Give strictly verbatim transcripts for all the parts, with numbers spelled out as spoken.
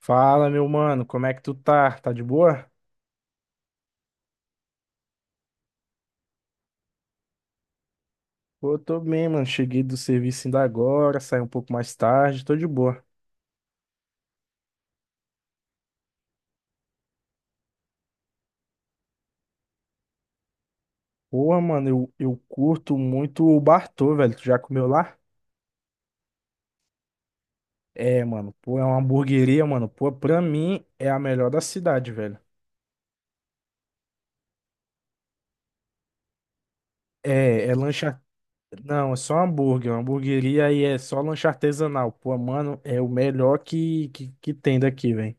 Fala, meu mano, como é que tu tá? Tá de boa? Pô, tô bem, mano. Cheguei do serviço ainda agora, saí um pouco mais tarde, tô de boa. Pô mano, eu, eu curto muito o Bartô, velho. Tu já comeu lá? É, mano, pô, é uma hamburgueria, mano. Pô, pra mim é a melhor da cidade, velho. É, é lanche. ar- Não, é só hambúrguer. Uma hamburgueria e é só lanche artesanal. Pô, mano, é o melhor que, que, que tem daqui, velho.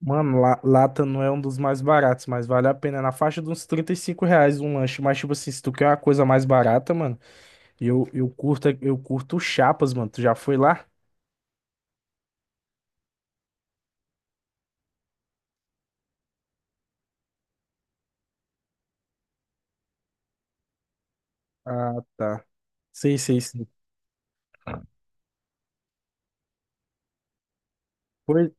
Mano, la- lata não é um dos mais baratos, mas vale a pena. É na faixa de uns trinta e cinco reais um lanche. Mas, tipo assim, se tu quer uma coisa mais barata, mano, eu, eu curto, eu curto Chapas, mano. Tu já foi lá? Ah, tá. Sei, sei, sei. Pois,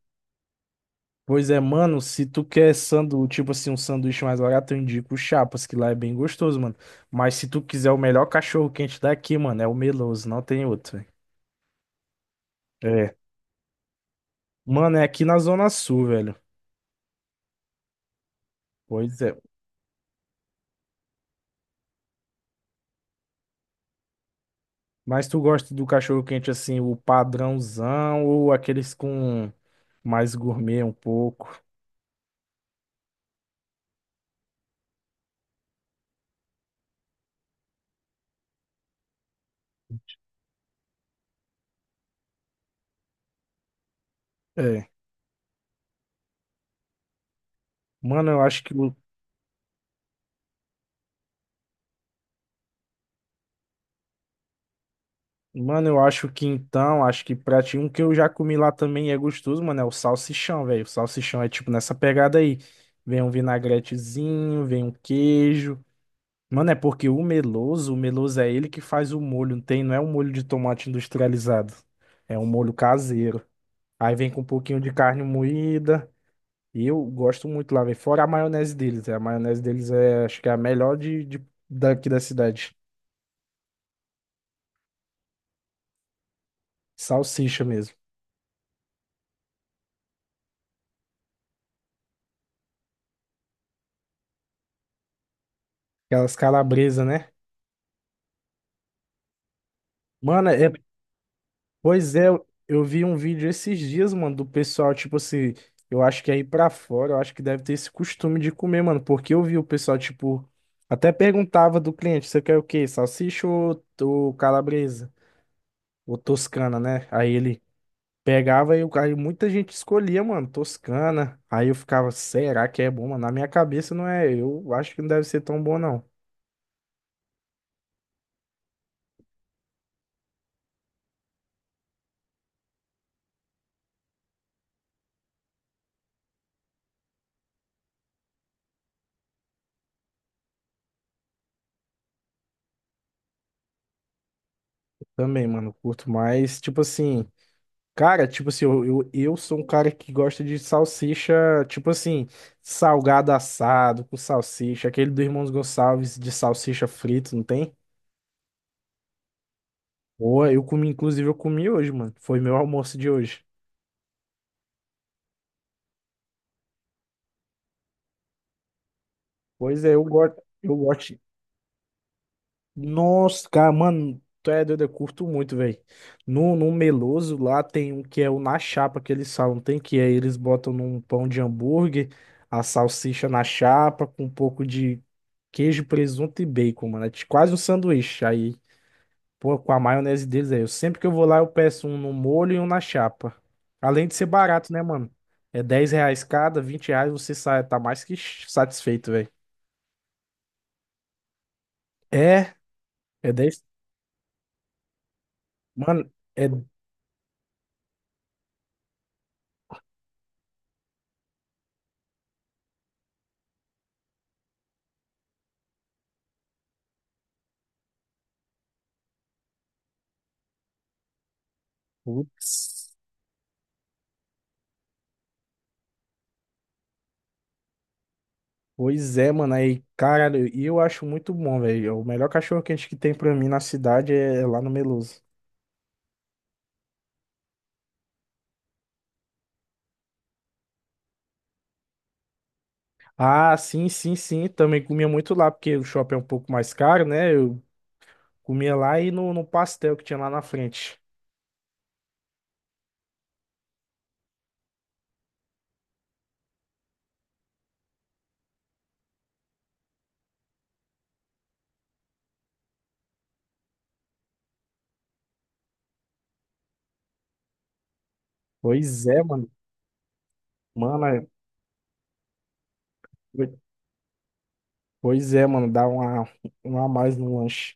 pois é, mano, se tu quer sandu, tipo assim, um sanduíche mais barato, eu indico o Chapas, que lá é bem gostoso, mano. Mas se tu quiser o melhor cachorro quente daqui, mano, é o Meloso, não tem outro, velho. É. Mano, é aqui na Zona Sul, velho. Pois é. Mas tu gosta do cachorro quente assim, o padrãozão ou aqueles com mais gourmet um pouco? É. Mano, eu acho que o. Mano, eu acho que então, acho que pra ti, um que eu já comi lá também e é gostoso, mano, é o salsichão, velho. O salsichão é tipo nessa pegada aí. Vem um vinagretezinho, vem um queijo. Mano, é porque o meloso, o meloso é ele que faz o molho, não tem, não é um molho de tomate industrializado. É um molho caseiro. Aí vem com um pouquinho de carne moída. E eu gosto muito lá, velho. Fora a maionese deles, é. A maionese deles é, acho que é a melhor de, de- daqui da cidade. Salsicha mesmo. Aquelas calabresa, né? Mano, é, pois é, eu eu vi um vídeo esses dias, mano, do pessoal, tipo assim, eu acho que aí pra fora, eu acho que deve ter esse costume de comer, mano, porque eu vi o pessoal, tipo, até perguntava do cliente, você quer o quê? Salsicha ou, ou calabresa? Ou toscana, né? Aí ele pegava e o cara, e muita gente escolhia, mano, Toscana. Aí eu ficava, será que é bom, mano? Na minha cabeça não é, eu acho que não deve ser tão bom, não. Também, mano, curto mais, tipo assim, cara, tipo assim, eu, eu, eu sou um cara que gosta de salsicha, tipo assim, salgado assado com salsicha, aquele do Irmãos Gonçalves de salsicha frito, não tem? Boa, eu comi, inclusive eu comi hoje, mano, foi meu almoço de hoje. Pois é, eu gosto, eu gosto. Nossa, cara, mano, tu é doido, eu curto muito, velho. No, no Meloso lá tem um que é o na chapa que eles falam, tem que é, eles botam num pão de hambúrguer, a salsicha na chapa com um pouco de queijo, presunto e bacon, mano. É ti- quase um sanduíche. Aí, pô, com a maionese deles aí, eu sempre que eu vou lá eu peço um no molho e um na chapa. Além de ser barato, né, mano? É dez reais cada, vinte reais você sai, tá mais que satisfeito, velho. É, é dez. Mano, é. Putz. Pois é, mano, aí, cara, e eu acho muito bom, velho. O melhor cachorro quente que tem pra mim na cidade é é lá no Meloso. Ah, sim, sim, sim, também comia muito lá, porque o shopping é um pouco mais caro, né? Eu comia lá e no, no pastel que tinha lá na frente. Pois é, mano. Mano, é- pois é, mano, dá uma, uma a mais no lanche.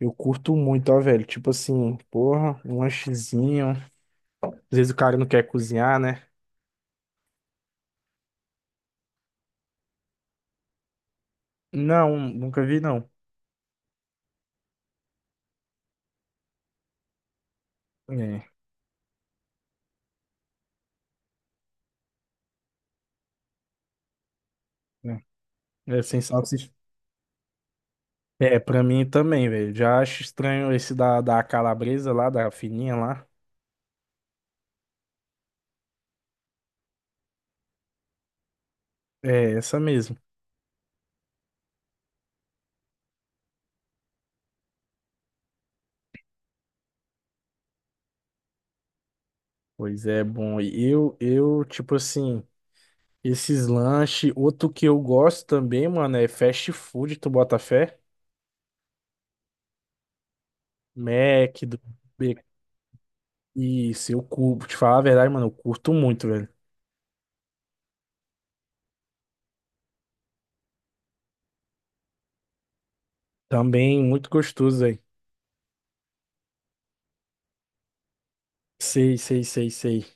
Eu curto muito, ó, velho. Tipo assim, porra, um lanchezinho. Às vezes o cara não quer cozinhar, né? Não, nunca vi, não. É, é, é sem salsicha. É, pra mim também, velho. Já acho estranho esse da, da calabresa lá, da fininha lá. É, essa mesmo. Pois é, bom. E Eu, eu, tipo assim, esses lanches, outro que eu gosto também, mano, é fast food, tu bota fé? Mac, do B-. Isso, eu curto. Te falar a verdade, mano, eu curto muito, velho. Também muito gostoso, velho. Sei, sei, sei, sei.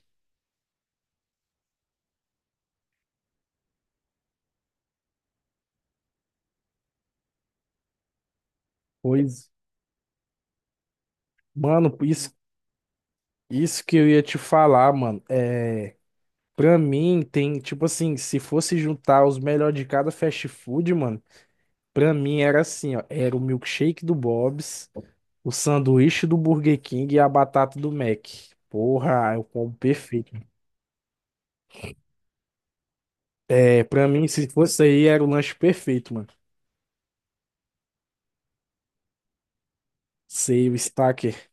Pois, mano, isso, isso que eu ia te falar, mano. É. Pra mim, tem, tipo assim, se fosse juntar os melhores de cada fast food, mano, pra mim era assim, ó, era o milkshake do Bob's, o sanduíche do Burger King e a batata do Mac. Porra, eu como perfeito. É, pra mim, se fosse aí, era o lanche perfeito, mano. Sei, o Stacker.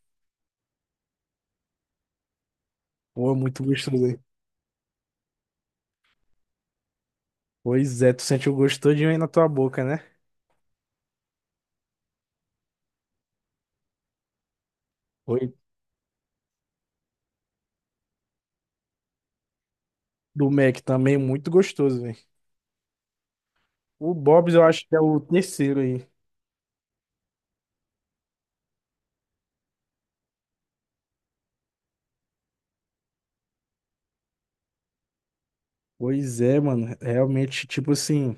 Pô, é muito gostoso, hein? Pois é, tu sente o gosto todinho aí na tua boca, né? Oi. Do Mac também, muito gostoso, velho. O Bob's eu acho que é o terceiro aí. Pois é, mano, realmente, tipo assim...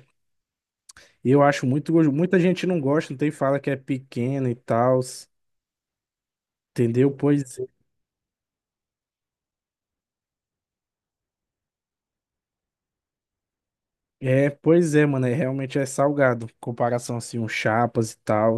E eu acho muito gostoso. Muita gente não gosta, tem fala que é pequeno e tal, entendeu? Pois é. É, pois é, mano, é, realmente é salgado, em comparação assim, um chapas e tal.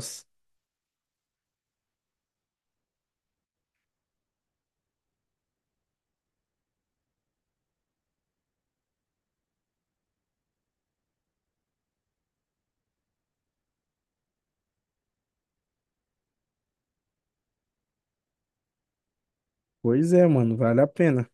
Pois é, mano, vale a pena.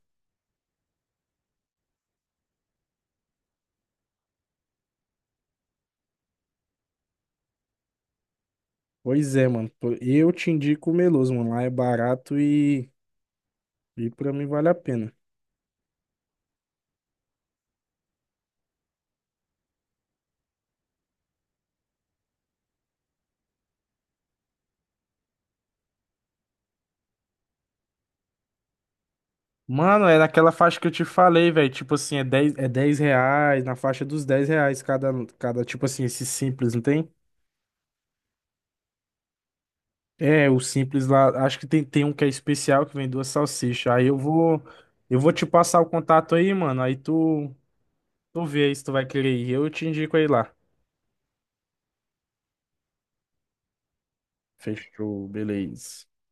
Pois é, mano, pô, eu te indico o Meloso, mano, lá é barato e, e pra mim vale a pena. Mano, é naquela faixa que eu te falei, velho, tipo assim, é dez é dez reais, na faixa dos dez reais cada, cada, tipo assim, esse simples, não tem? É, o simples lá, acho que tem, tem um que é especial que vem duas salsichas. Aí eu vou eu vou te passar o contato aí, mano. Aí tu tu vê aí se tu vai querer ir. Eu te indico aí lá. Fechou, beleza.